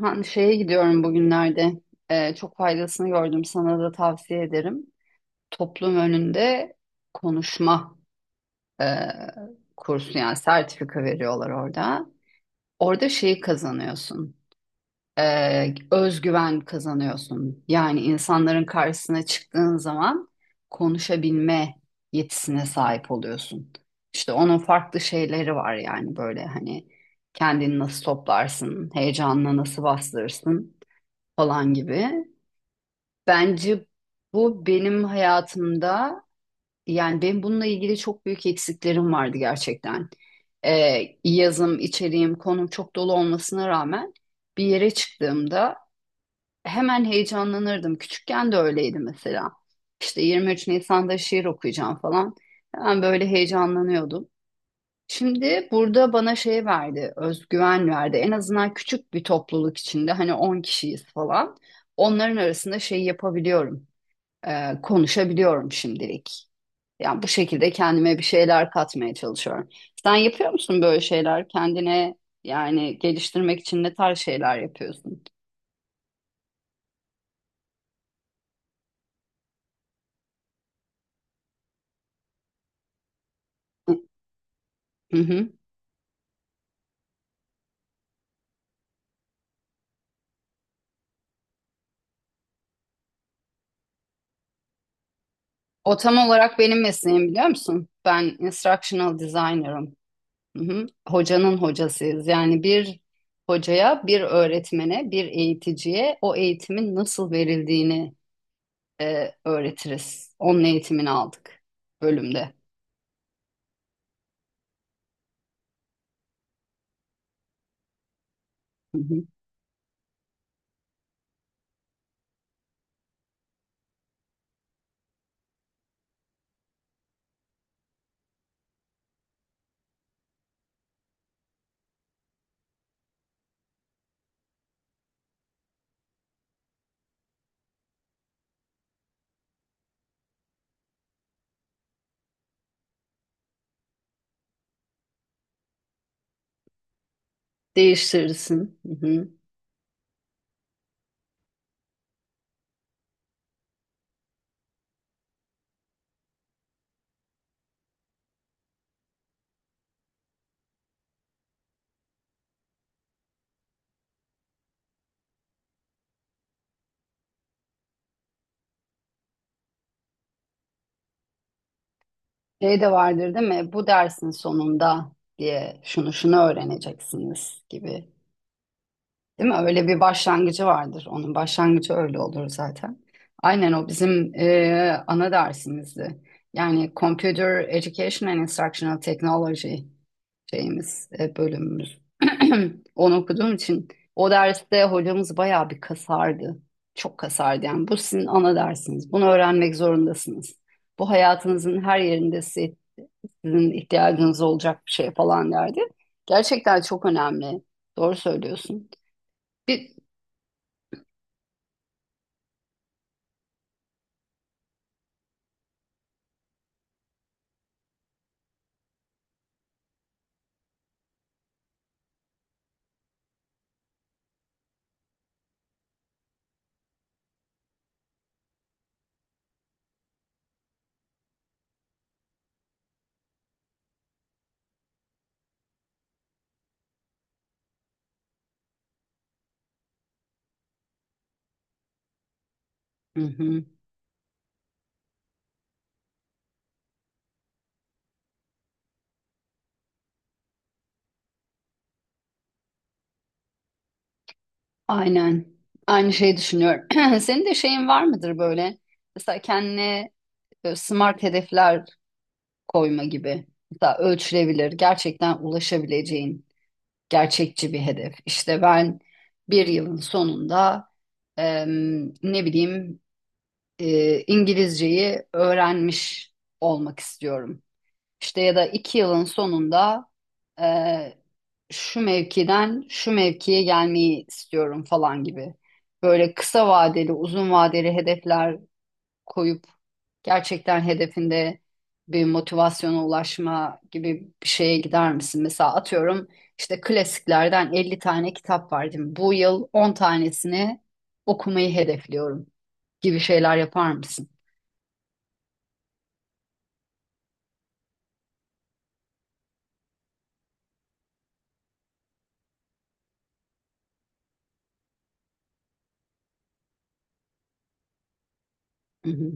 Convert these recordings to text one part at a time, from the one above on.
Ha, şeye gidiyorum bugünlerde. Çok faydasını gördüm. Sana da tavsiye ederim. Toplum önünde konuşma e, kursu yani sertifika veriyorlar orada. Orada şeyi kazanıyorsun. Özgüven kazanıyorsun. Yani insanların karşısına çıktığın zaman konuşabilme yetisine sahip oluyorsun. İşte onun farklı şeyleri var yani böyle hani kendini nasıl toplarsın, heyecanını nasıl bastırırsın falan gibi. Bence bu benim hayatımda yani benim bununla ilgili çok büyük eksiklerim vardı gerçekten. Yazım, içeriğim, konum çok dolu olmasına rağmen bir yere çıktığımda hemen heyecanlanırdım. Küçükken de öyleydi mesela. İşte 23 Nisan'da şiir okuyacağım falan. Hemen böyle heyecanlanıyordum. Şimdi burada bana şey verdi, özgüven verdi. En azından küçük bir topluluk içinde hani 10 kişiyiz falan. Onların arasında şey yapabiliyorum, konuşabiliyorum şimdilik. Yani bu şekilde kendime bir şeyler katmaya çalışıyorum. Sen yapıyor musun böyle şeyler? Kendine yani geliştirmek için ne tarz şeyler yapıyorsun? Hı hı. O tam olarak benim mesleğim biliyor musun? Ben instructional designer'ım. Hı hı. Hocanın hocasıyız. Yani bir hocaya, bir öğretmene, bir eğiticiye o eğitimin nasıl verildiğini öğretiriz. Onun eğitimini aldık bölümde. Hı hı. Değiştirirsin. Hı hı. Şey de vardır değil mi? Bu dersin sonunda diye şunu şunu öğreneceksiniz gibi. Değil mi? Öyle bir başlangıcı vardır. Onun başlangıcı öyle olur zaten. Aynen o bizim ana dersimizdi. Yani Computer Education and Instructional Technology şeyimiz, bölümümüz. Onu okuduğum için o derste hocamız bayağı bir kasardı. Çok kasardı yani. Bu sizin ana dersiniz. Bunu öğrenmek zorundasınız. Bu hayatınızın her yerinde sizin ihtiyacınız olacak bir şey falan derdi. Gerçekten çok önemli. Doğru söylüyorsun. Bir, hı hı. Aynen. Aynı şeyi düşünüyorum. Senin de şeyin var mıdır böyle? Mesela kendine smart hedefler koyma gibi. Mesela ölçülebilir, gerçekten ulaşabileceğin gerçekçi bir hedef. İşte ben bir yılın sonunda ne bileyim İngilizceyi öğrenmiş olmak istiyorum. İşte ya da 2 yılın sonunda eee, şu mevkiden şu mevkiye gelmeyi istiyorum falan gibi. Böyle kısa vadeli, uzun vadeli hedefler koyup gerçekten hedefinde bir motivasyona ulaşma gibi bir şeye gider misin? Mesela atıyorum işte klasiklerden 50 tane kitap var değil mi? Bu yıl 10 tanesini okumayı hedefliyorum gibi şeyler yapar mısın? Hı hı,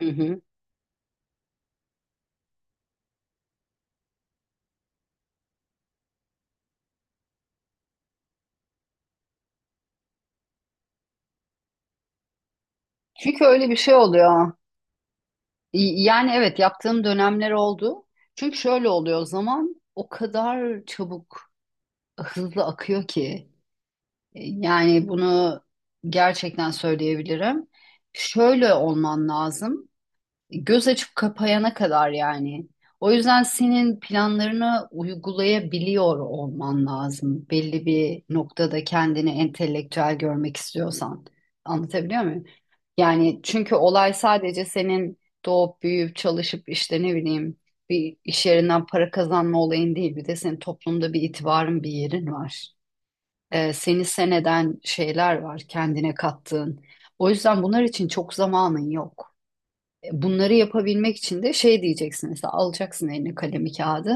hı hı. Çünkü öyle bir şey oluyor. Yani evet yaptığım dönemler oldu. Çünkü şöyle oluyor zaman o kadar çabuk, hızlı akıyor ki. Yani bunu gerçekten söyleyebilirim. Şöyle olman lazım. Göz açıp kapayana kadar yani. O yüzden senin planlarını uygulayabiliyor olman lazım. Belli bir noktada kendini entelektüel görmek istiyorsan. Anlatabiliyor muyum? Yani çünkü olay sadece senin doğup büyüyüp çalışıp işte ne bileyim bir iş yerinden para kazanma olayın değil. Bir de senin toplumda bir itibarın, bir yerin var. Seni sen eden şeyler var kendine kattığın. O yüzden bunlar için çok zamanın yok. Bunları yapabilmek için de şey diyeceksin mesela alacaksın eline kalemi kağıdı.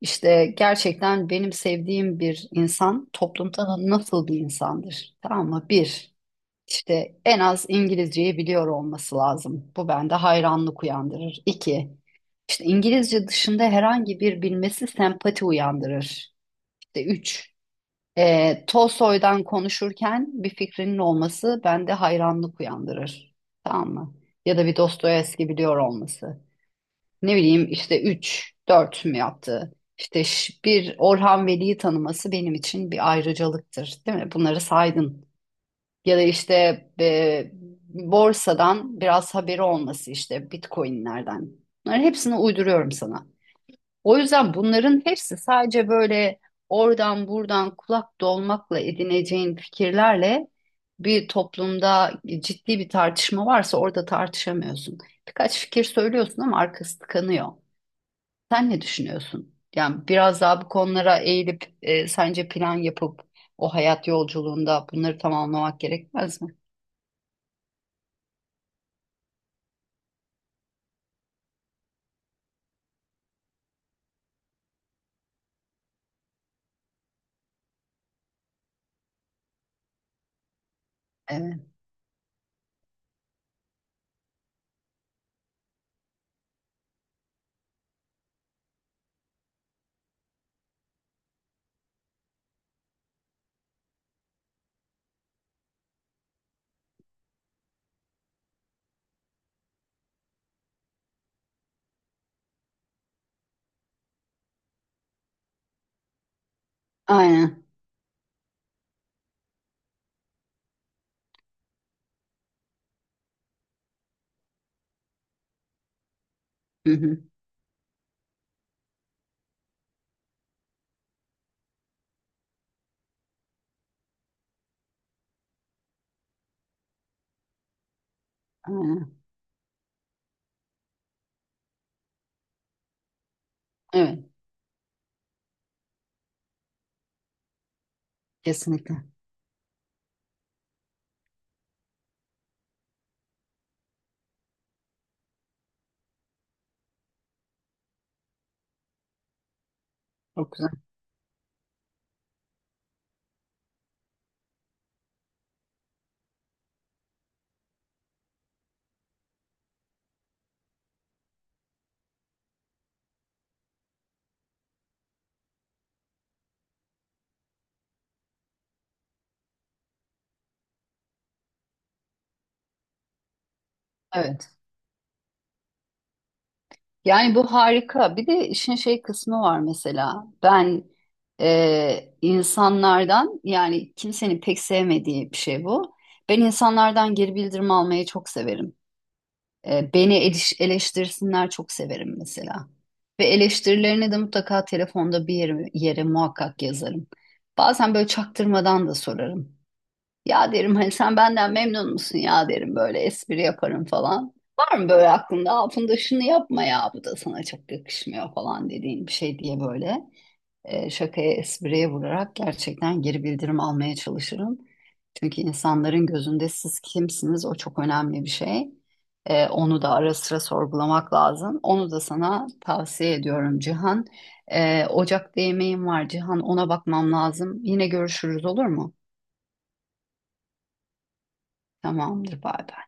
İşte gerçekten benim sevdiğim bir insan toplumda nasıl bir insandır? Tamam mı? Bir, işte en az İngilizceyi biliyor olması lazım. Bu bende hayranlık uyandırır. İki, işte İngilizce dışında herhangi bir bilmesi sempati uyandırır. İşte üç, Tolstoy'dan konuşurken bir fikrinin olması bende hayranlık uyandırır. Tamam mı? Ya da bir Dostoyevski biliyor olması ne bileyim işte 3 4 mü yaptı? İşte bir Orhan Veli'yi tanıması benim için bir ayrıcalıktır, değil mi? Bunları saydın. Ya da işte e, borsadan biraz haberi olması işte Bitcoin'lerden. Bunların hepsini uyduruyorum sana. O yüzden bunların hepsi sadece böyle oradan buradan kulak dolmakla edineceğin fikirlerle bir toplumda ciddi bir tartışma varsa orada tartışamıyorsun. Birkaç fikir söylüyorsun ama arkası tıkanıyor. Sen ne düşünüyorsun? Yani biraz daha bu konulara eğilip sence plan yapıp o hayat yolculuğunda bunları tamamlamak gerekmez mi? Evet. Aynen. Hı hı. Aynen. Evet. Kesinlikle. Çok güzel. Evet. Yani bu harika. Bir de işin şey kısmı var mesela. Ben insanlardan yani kimsenin pek sevmediği bir şey bu. Ben insanlardan geri bildirim almayı çok severim. Beni eleştirsinler çok severim mesela. Ve eleştirilerini de mutlaka telefonda bir yere muhakkak yazarım. Bazen böyle çaktırmadan da sorarım. Ya derim hani sen benden memnun musun ya derim böyle espri yaparım falan. Var mı böyle aklında altında şunu yapma ya bu da sana çok yakışmıyor falan dediğin bir şey diye böyle şakaya, espriye vurarak gerçekten geri bildirim almaya çalışırım. Çünkü insanların gözünde siz kimsiniz o çok önemli bir şey. Onu da ara sıra sorgulamak lazım. Onu da sana tavsiye ediyorum Cihan. Ocak'ta yemeğim var Cihan ona bakmam lazım. Yine görüşürüz olur mu? Tamamdır bay bay.